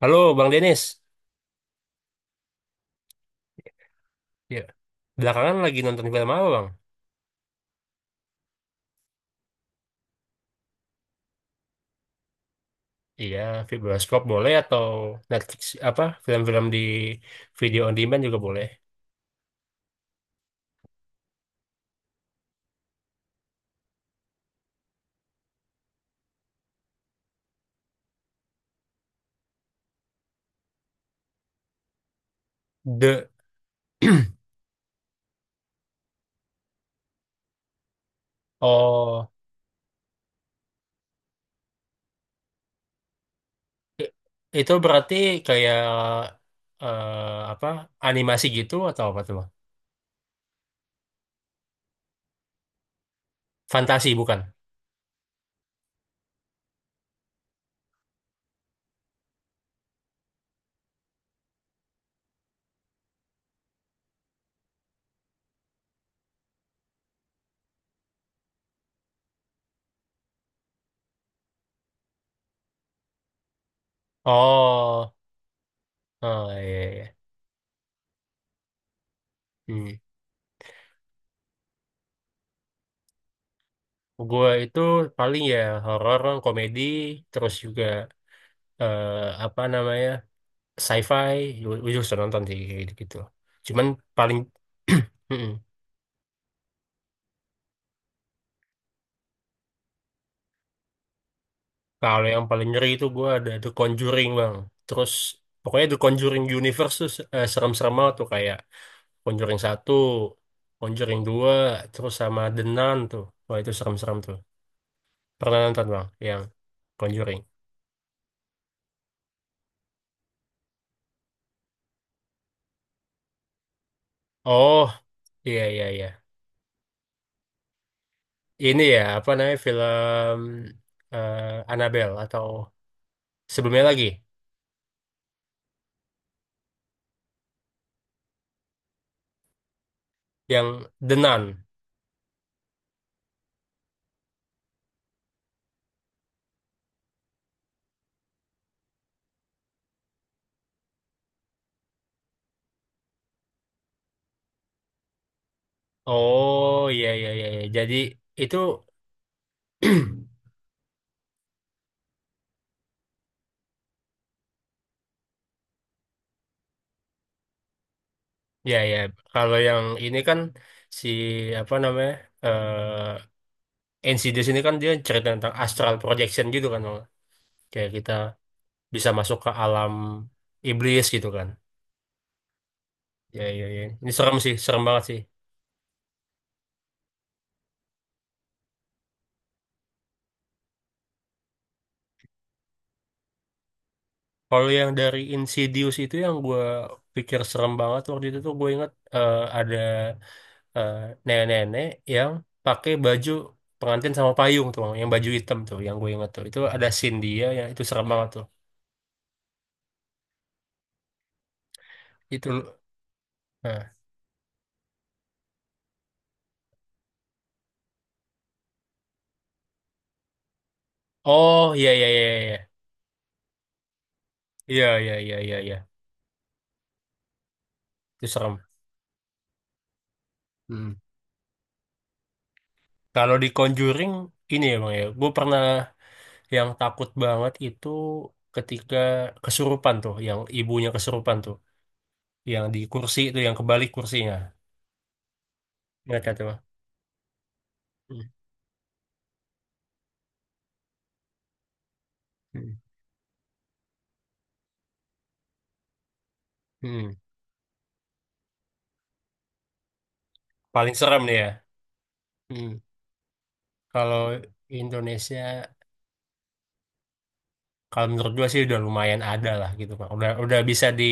Halo Bang Denis, ya. Belakangan lagi nonton film apa Bang? Iya, film bioskop boleh atau Netflix apa film-film di video on demand juga boleh. The oh i- itu berarti kayak apa animasi gitu atau apa tuh Bang? Fantasi bukan? Oh, oh iya, iya. Iya. Hmm. Gue itu paling ya horor, komedi, terus juga apa namanya? Sci-fi gue juga sudah nonton sih kayak gitu. Cuman paling mm-mm. Kalau yang paling ngeri itu gue ada The Conjuring bang. Terus pokoknya The Conjuring Universe tuh serem-serem banget tuh kayak Conjuring satu, Conjuring 2 terus sama The Nun tuh. Wah itu serem-serem tuh. Pernah nonton bang yang Conjuring? Oh iya iya iya. Ini ya apa namanya film eh, Annabelle atau sebelumnya lagi yang The Nun. Oh iya iya iya. Iya. Jadi itu ya ya. Kalau yang ini kan si apa namanya eh Insidious ini kan dia cerita tentang astral projection gitu kan, Bang. Kayak kita bisa masuk ke alam iblis gitu kan. Ya ya ya. Ini serem sih, serem banget sih. Kalau yang dari Insidious itu yang gue pikir serem banget waktu itu tuh gue inget ada eh, nenek-nenek yang pakai baju pengantin sama payung tuh, yang baju hitam tuh, yang gue inget tuh. Itu ada scene dia yang itu serem banget tuh. Itu, nah. Oh iya iya iya iya iya iya iya iya iya. Iya. Itu serem. Hmm. Kalau di Conjuring ini emang ya, gue pernah yang takut banget itu ketika kesurupan tuh, yang ibunya kesurupan tuh. Yang di kursi itu yang kebalik kursinya, ingat kan tuh. Hmm. Hmm. Hmm. Paling serem nih ya. Hmm. Kalau Indonesia, kalau menurut gua sih udah lumayan ada lah gitu Pak. Udah bisa di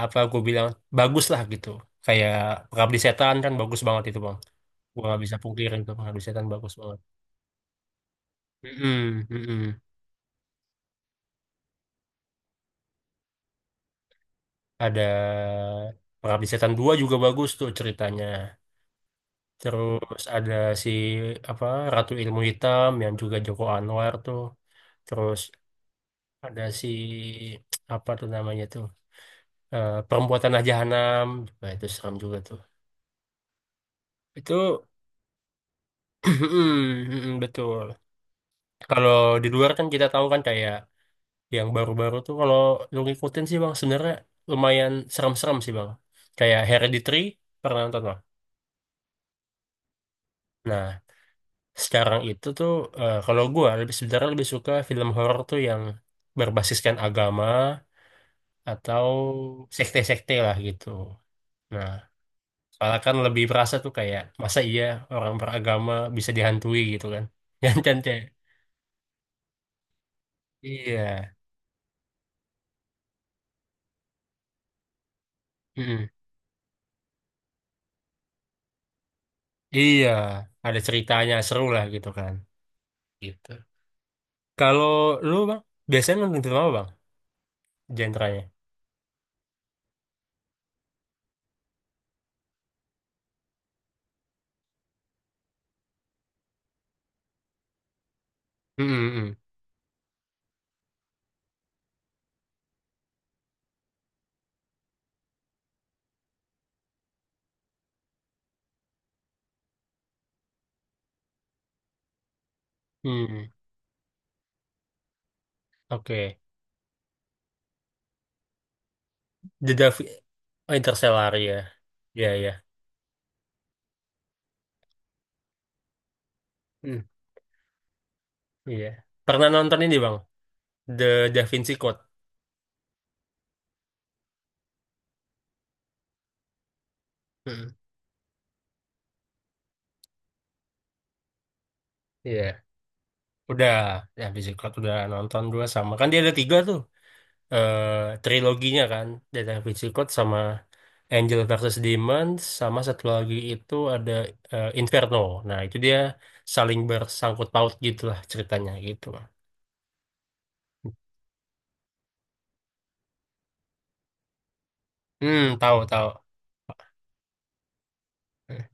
apa gua bilang bagus lah gitu kayak Pengabdi Setan kan bagus banget itu bang. Gua nggak bisa pungkirin tuh Pengabdi Setan bagus banget. Mm-mm. Mm-mm. Ada Pengabdi Setan 2 juga bagus tuh ceritanya. Terus ada si apa Ratu Ilmu Hitam yang juga Joko Anwar tuh. Terus ada si apa tuh namanya tuh Perempuan Tanah Jahanam juga itu seram juga tuh. Itu mm, betul. Kalau di luar kan kita tahu kan kayak yang baru-baru tuh kalau lu ngikutin sih Bang sebenarnya lumayan serem-serem sih Bang. Kayak Hereditary pernah nonton Bang? Nah, sekarang itu tuh kalau gua lebih sebenarnya lebih suka film horor tuh yang berbasiskan agama atau sekte-sekte lah gitu. Nah, soalnya kan lebih berasa tuh kayak masa iya orang beragama bisa dihantui gitu kan. Yang kan kayak iya, mm-mm, iya ada ceritanya seru lah gitu kan. Gitu. Kalau lu bang biasanya nonton film apa bang? Genrenya? Mm hmm mm. Hmm, oke. The Davi- oh, Interstellar ya. Iya ya. Iya. Pernah nonton ini Bang, The Da Vinci Code. Mm-mm. Iya. Udah, Da Vinci Code udah nonton dua sama. Kan dia ada tiga tuh. eh Triloginya kan. The Da Vinci Code sama Angel versus Demon. Sama satu lagi itu ada Inferno. Nah itu dia saling bersangkut paut gitu lah ceritanya gitu. Hmm, tahu tahu. Hmm.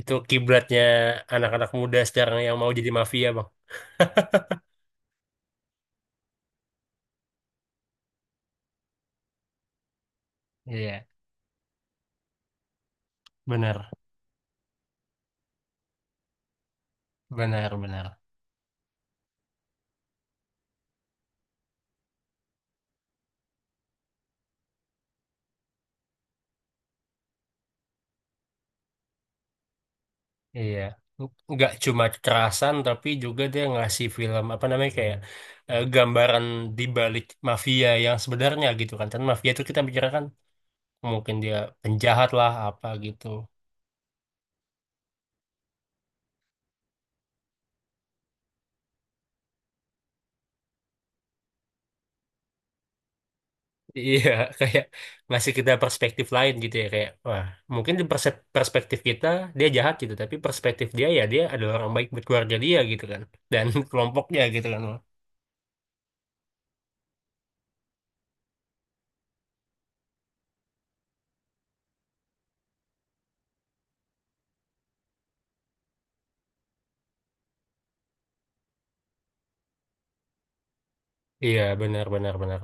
Itu kiblatnya anak-anak muda sekarang yang mau jadi mafia Bang. Iya, benar, benar, benar. Iya, nggak cuma kekerasan tapi juga dia ngasih film apa namanya kayak gambaran di balik mafia yang sebenarnya gitu kan. Kan mafia itu kita bicara kan mungkin dia penjahat lah apa gitu. Iya, kayak ngasih kita perspektif lain gitu ya kayak wah, mungkin di perse- perspektif kita dia jahat gitu, tapi perspektif dia ya dia adalah orang baik buat keluarga dia gitu kan dan kelompoknya gitu kan. Iya, benar benar benar.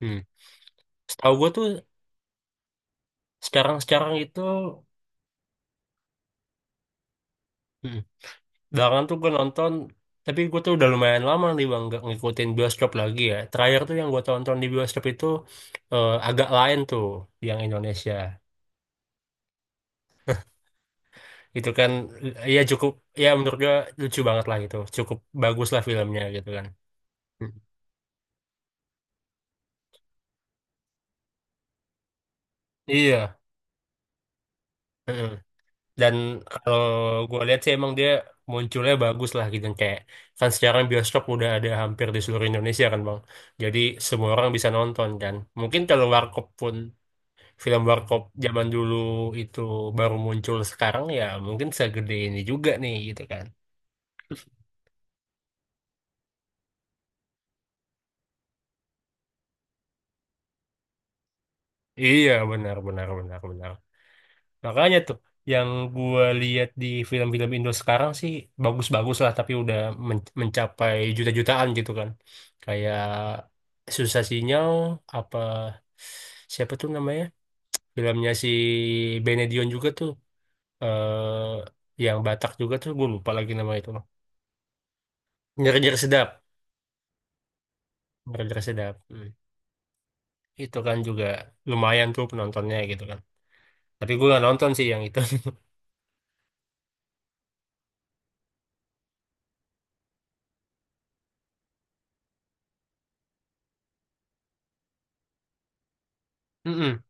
Hmm. Setahu gue tuh sekarang-sekarang itu hmm. Belakangan tuh gue nonton, tapi gue tuh udah lumayan lama nih bang nggak ngikutin bioskop lagi ya. Terakhir tuh yang gue tonton di bioskop itu agak lain tuh yang Indonesia. Itu kan ya cukup ya menurut gue lucu banget lah gitu. Cukup bagus lah filmnya gitu kan. Hmm. Iya. Heeh. Dan kalau gue lihat sih emang dia munculnya bagus lah gitu kayak kan sekarang bioskop udah ada hampir di seluruh Indonesia kan bang. Jadi semua orang bisa nonton kan. Mungkin kalau warkop pun film warkop zaman dulu itu baru muncul sekarang ya mungkin segede ini juga nih gitu kan. Iya benar benar benar benar. Makanya tuh yang gua lihat di film-film Indo sekarang sih bagus-bagus lah tapi udah men- mencapai juta-jutaan gitu kan. Kayak Susah Sinyal apa siapa tuh namanya? Filmnya si Benedion juga tuh eh yang Batak juga tuh gue lupa lagi nama itu loh. Nyeri-nyeri sedap, nyeri-nyeri sedap. Hmm. Itu kan juga lumayan tuh penontonnya gitu kan. Tapi gue nggak nonton sih yang itu. Mm-mm.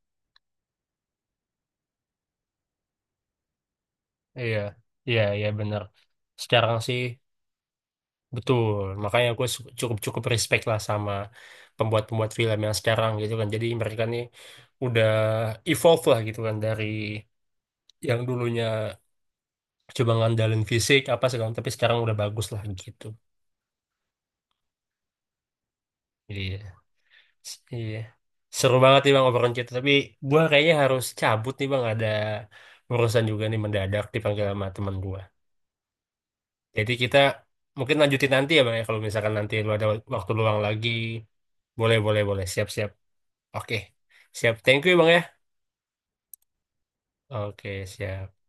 Iya, iya, iya bener. Sekarang sih betul. Makanya gue cukup-cukup respect lah sama pembuat-pembuat film yang sekarang gitu kan. Jadi mereka nih udah evolve lah gitu kan dari yang dulunya cuma ngandalin fisik apa segala tapi sekarang udah bagus lah gitu. Iya. Iya. Seru banget nih Bang obrolan kita. Tapi gua kayaknya harus cabut nih Bang. Ada urusan juga nih mendadak dipanggil sama teman gua. Jadi kita mungkin lanjutin nanti ya Bang ya. Kalau misalkan nanti lu ada waktu luang lagi. Boleh, boleh, boleh. Siap, siap. Oke. Siap. Thank you Bang ya. Oke, siap.